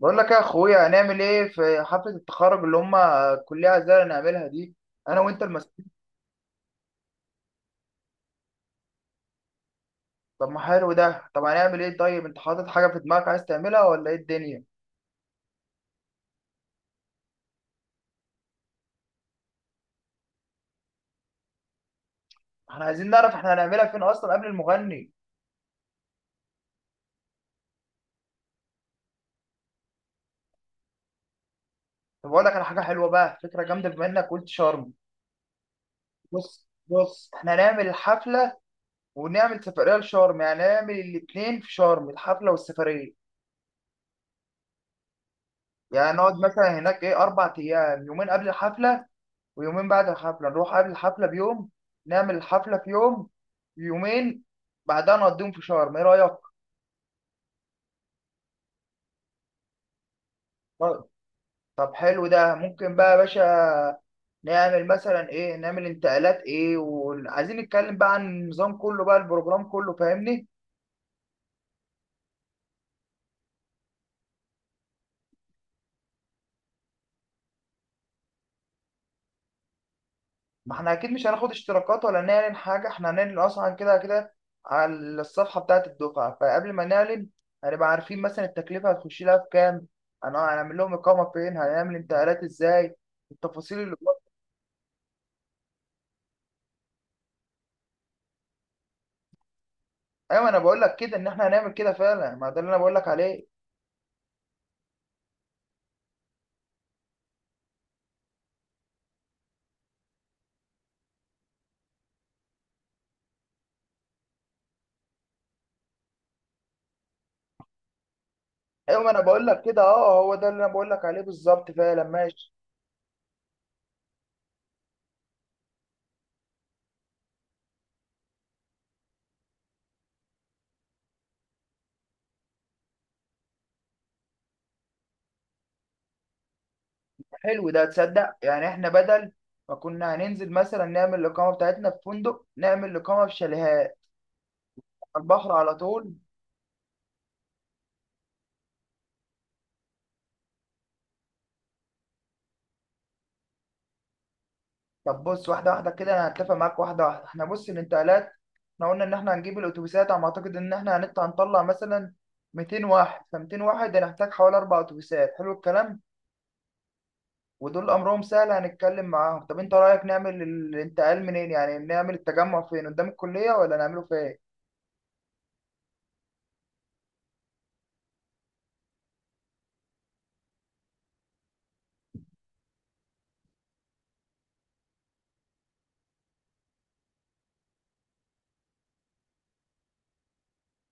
بقول لك يا اخويا هنعمل ايه في حفله التخرج اللي هم الكليه عايزانا نعملها دي. انا وانت المسؤول. طب ما حلو ده. طب هنعمل ايه؟ طيب انت حاطط حاجه في دماغك عايز تعملها ولا ايه الدنيا؟ احنا عايزين نعرف احنا هنعملها فين اصلا قبل المغني. طب اقول لك على حاجه حلوه بقى، فكره جامده بما انك قلت شرم. بص بص، احنا هنعمل الحفله ونعمل سفريه لشرم، يعني نعمل الاثنين في شرم، الحفله والسفريه. يعني نقعد مثلا هناك ايه اربع ايام، يومين قبل الحفله ويومين بعد الحفلة. نروح قبل الحفلة بيوم، نعمل الحفلة في يوم، يومين بعدها نقضيهم في شرم. ايه رأيك؟ طيب. طب حلو ده. ممكن بقى يا باشا نعمل مثلا ايه، نعمل انتقالات ايه، وعايزين نتكلم بقى عن النظام كله بقى، البروجرام كله، فاهمني. ما احنا اكيد مش هناخد اشتراكات ولا نعلن حاجه، احنا هنعلن اصلا كده كده على الصفحه بتاعه الدفعه. فقبل ما نعلن هنبقى عارفين مثلا التكلفه هتخش لها في كام، هنعمل لهم اقامه فين، هنعمل انتقالات ازاي، التفاصيل. ايوه، ما انا بقول لك كده ان احنا هنعمل كده فعلا، ما ده اللي انا بقول لك عليه. ايوه، ما انا بقول لك كده، اه، هو ده اللي انا بقول لك عليه بالظبط فعلا. ماشي. حلو ده، تصدق يعني احنا بدل ما كنا هننزل مثلا نعمل الاقامه بتاعتنا في فندق، نعمل الاقامه في شاليهات على البحر على طول. طب بص، واحده واحده كده، انا هتفق معاك واحده واحده. احنا بص، الانتقالات، احنا قلنا ان احنا هنجيب الاتوبيسات. على ما اعتقد ان احنا هنطلع مثلا 200 واحد، ف 200 واحد هنحتاج حوالي اربع اتوبيسات. حلو الكلام. ودول امرهم سهل هنتكلم معاهم. طب انت رايك نعمل الانتقال منين؟ يعني نعمل التجمع فين، قدام الكليه ولا نعمله فين؟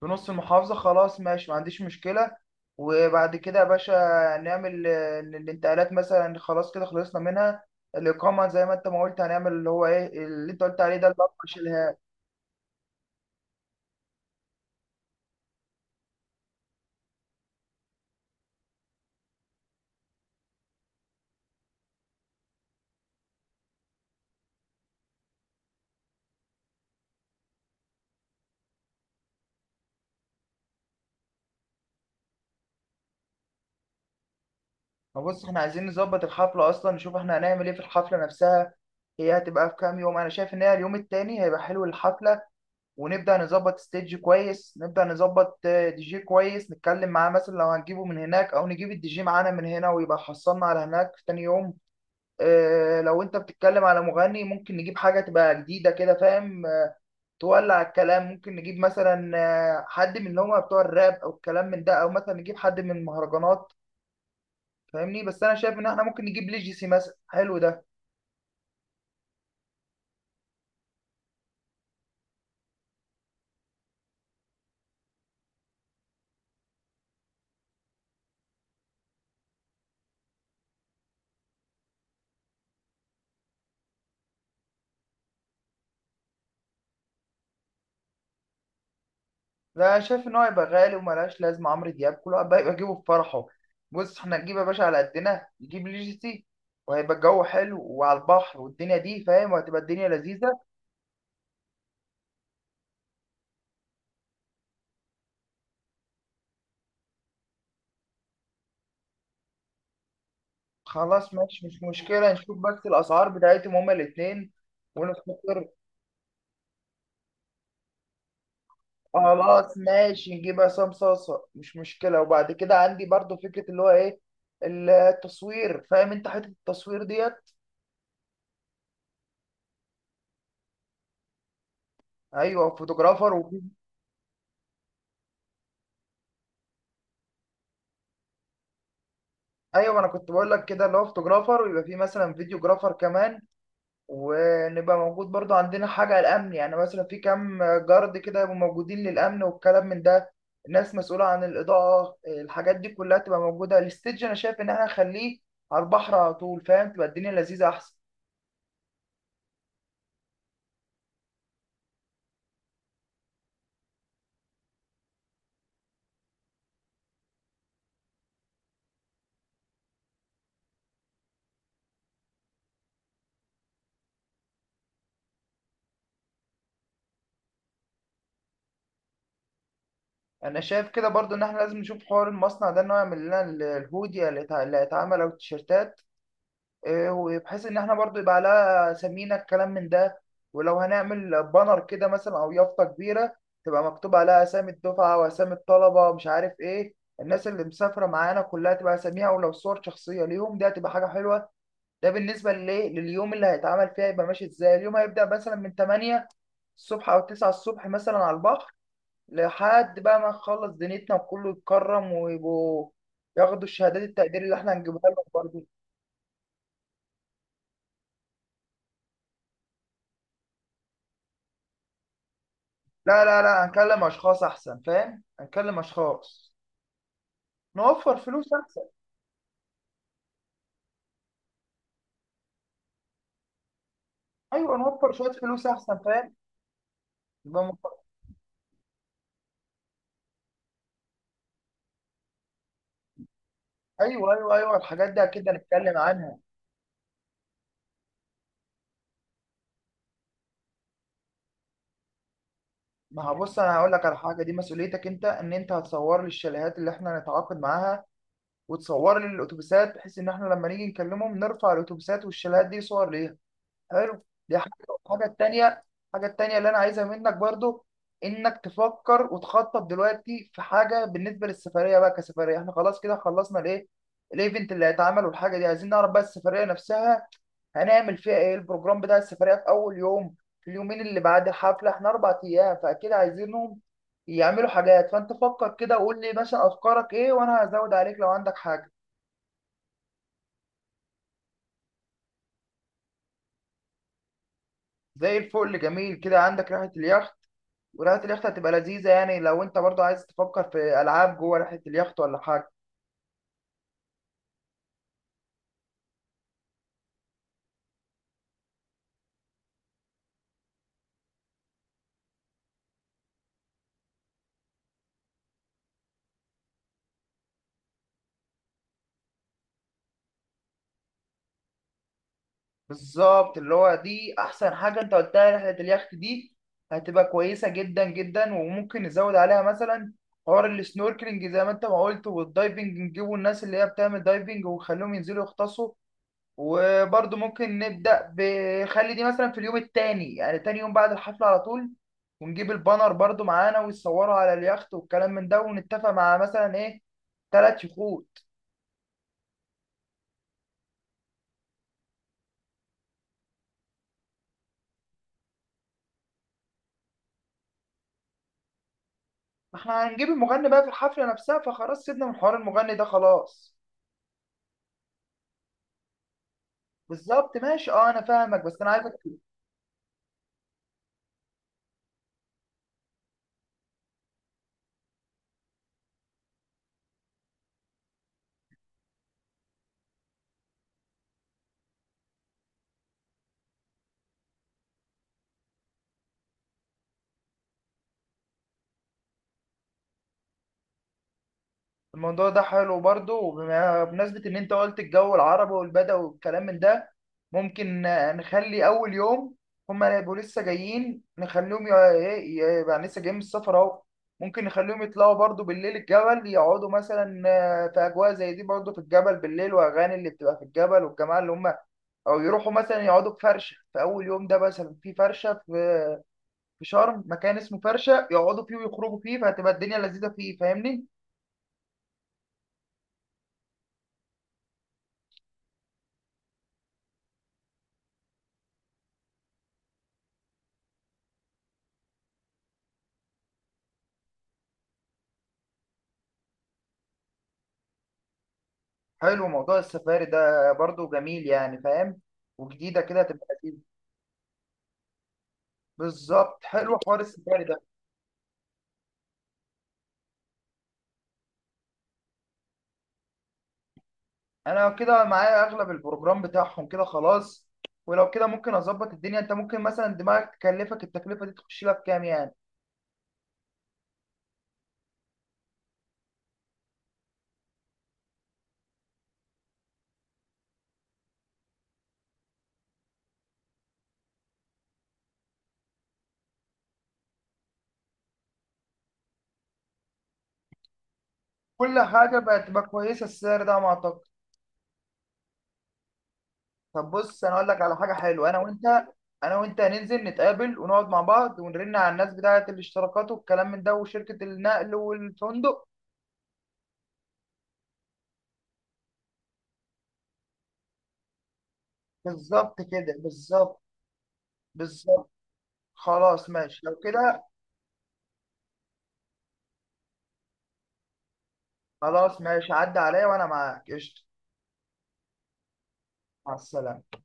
في نص المحافظه، خلاص ماشي، ما عنديش مشكله. وبعد كده يا باشا نعمل الانتقالات، مثلا خلاص كده خلصنا منها. الاقامه زي ما انت ما قلت، هنعمل اللي هو ايه اللي انت قلت عليه، ده اللي شيلها. ما بص، احنا عايزين نظبط الحفله اصلا، نشوف احنا هنعمل ايه في الحفله نفسها. هي هتبقى في كام يوم؟ انا شايف ان هي اليوم التاني هيبقى حلو الحفله، ونبدأ نظبط ستيج كويس، نبدأ نظبط دي جي كويس، نتكلم معاه مثلا لو هنجيبه من هناك أو نجيب الدي جي معانا من هنا ويبقى حصلنا على هناك في تاني يوم. لو أنت بتتكلم على مغني، ممكن نجيب حاجة تبقى جديدة كده، فاهم؟ تولع الكلام. ممكن نجيب مثلا حد من اللي هم بتوع الراب أو الكلام من ده، أو مثلا نجيب حد من المهرجانات، فاهمني؟ بس أنا شايف إن إحنا ممكن نجيب ليجيسي مثلا. حلو ده. لا، شايف ان هو يبقى غالي وملهاش لازمه عمرو دياب، كله بقى يبقى جيبه في فرحه. بص، احنا نجيب يا باشا على قدنا، نجيب لي جي سي وهيبقى الجو حلو وعلى البحر، والدنيا دي فاهم، وهتبقى الدنيا لذيذه. خلاص ماشي، مش مشكله. نشوف بس الاسعار بتاعتهم هما الاثنين ونفكر. خلاص ماشي، نجيب عصام صاصه مش مشكله. وبعد كده عندي برضو فكره، اللي هو ايه، التصوير. فاهم انت حته التصوير ديت؟ ايوه، فوتوغرافر، وفي. ايوه، ما انا كنت بقول لك كده، اللي هو فوتوغرافر، ويبقى فيه مثلا فيديوغرافر كمان. ونبقى موجود برضو عندنا حاجة الأمن، يعني مثلا في كام جارد كده يبقوا موجودين للأمن والكلام من ده. ناس مسؤولة عن الإضاءة، الحاجات دي كلها تبقى موجودة. الستيج أنا شايف إن إحنا نخليه على البحر على طول، فاهم؟ تبقى الدنيا لذيذة أحسن. أنا شايف كده برضو إن إحنا لازم نشوف حوار المصنع ده، إنه يعمل لنا الهودي اللي هيتعمل، أو التيشيرتات وبحيث ان احنا برضو يبقى لها سمينا، الكلام من ده. ولو هنعمل بانر كده مثلا، او يافطه كبيره تبقى مكتوب عليها اسامي الدفعه واسامي الطلبه، مش عارف ايه، الناس اللي مسافره معانا كلها تبقى اساميها، ولو صور شخصيه ليهم دي هتبقى حاجه حلوه. ده بالنسبه للايه، لليوم اللي هيتعمل فيها، يبقى ماشي ازاي. اليوم هيبدا مثلا من 8 الصبح او 9 الصبح مثلا على البحر لحد بقى ما نخلص دنيتنا، وكله يتكرم ويبقوا ياخدوا الشهادات التقدير اللي احنا هنجيبها لهم برضه. لا لا لا، هنكلم اشخاص احسن، فاهم، هنكلم اشخاص. نوفر فلوس احسن. ايوه، نوفر شويه فلوس احسن، فاهم، يبقى مف- ايوه ايوه ايوه، الحاجات دي اكيد هنتكلم عنها. ما هبص، انا هقول لك على حاجه. دي مسؤوليتك انت، ان انت هتصور لي الشاليهات اللي احنا هنتعاقد معاها، وتصور لي الاتوبيسات، بحيث ان احنا لما نيجي نكلمهم نرفع الاتوبيسات والشاليهات دي صور ليها. حلو. دي حاجة. الحاجة التانية، الحاجة التانية اللي أنا عايزها منك برضو إنك تفكر وتخطط دلوقتي في حاجة بالنسبة للسفرية بقى كسفرية. إحنا خلاص كده خلصنا الإيه، الإيفنت اللي هيتعمل والحاجة دي. عايزين نعرف بقى السفرية نفسها هنعمل فيها إيه، البروجرام بتاع السفرية في أول يوم، في اليومين اللي بعد الحفلة. إحنا أربع أيام، فأكيد عايزينهم يعملوا حاجات. فأنت فكر كده وقول لي مثلا أفكارك إيه، وأنا هزود عليك لو عندك حاجة. زي الفل، جميل كده، عندك رحلة اليخت. ورحلة اليخت هتبقى لذيذة، يعني لو انت برضو عايز تفكر في ألعاب جوه رحلة اليخت ولا حاجة. بالظبط، اللي هو دي أحسن حاجة انت قلتها، رحلة اليخت دي هتبقى كويسة جدا جدا. وممكن نزود عليها مثلا حوار السنوركلينج زي ما انت ما قلت، والدايفنج، نجيبوا الناس اللي هي بتعمل دايفنج ونخليهم ينزلوا يغطسوا. وبرضو ممكن نبدأ بخلي دي مثلا في اليوم التاني، يعني تاني يوم بعد الحفلة على طول. ونجيب البانر برضو معانا ويصوروا على اليخت والكلام من ده. ونتفق مع مثلا ايه ثلاث شهور. ما احنا هنجيب المغني بقى في الحفلة نفسها، فخلاص سيبنا من حوار المغني ده خلاص. بالظبط ماشي، اه انا فاهمك، بس انا عايزك. الموضوع ده حلو برضه. بمناسبة ان انت قلت الجو العربي والبدوي والكلام من ده، ممكن نخلي اول يوم، هما يبقوا لسه جايين، نخليهم ايه، يبقى لسه جايين من السفر اهو. ممكن نخليهم يطلعوا برضه بالليل الجبل، يقعدوا مثلا في اجواء زي دي برضه في الجبل بالليل، واغاني اللي بتبقى في الجبل، والجماعة اللي هم، او يروحوا مثلا يقعدوا في فرشه في اول يوم ده، مثلا في فرشه في في شرم، مكان اسمه فرشه، يقعدوا فيه ويخرجوا فيه فهتبقى الدنيا لذيذه فيه، فاهمني؟ حلو موضوع السفاري ده برضو، جميل يعني، فاهم، وجديده كده، هتبقى لذيذة. بالظبط، حلو حوار السفاري ده. انا كده معايا اغلب البروجرام بتاعهم كده، خلاص. ولو كده ممكن اظبط الدنيا. انت ممكن مثلا دماغك تكلفك التكلفه دي تخش لك كام يعني، كل حاجه بقت تبقى كويسه، السعر ده على ما اعتقد. طب بص، انا اقول لك على حاجه حلوه، انا وانت، انا وانت هننزل نتقابل ونقعد مع بعض ونرن على الناس بتاعه الاشتراكات والكلام من ده، وشركه النقل والفندق. بالظبط كده، بالظبط، بالظبط. خلاص ماشي لو كده. خلاص ماشي، عدى عليا وانا معاك، قشطه. مع السلامه.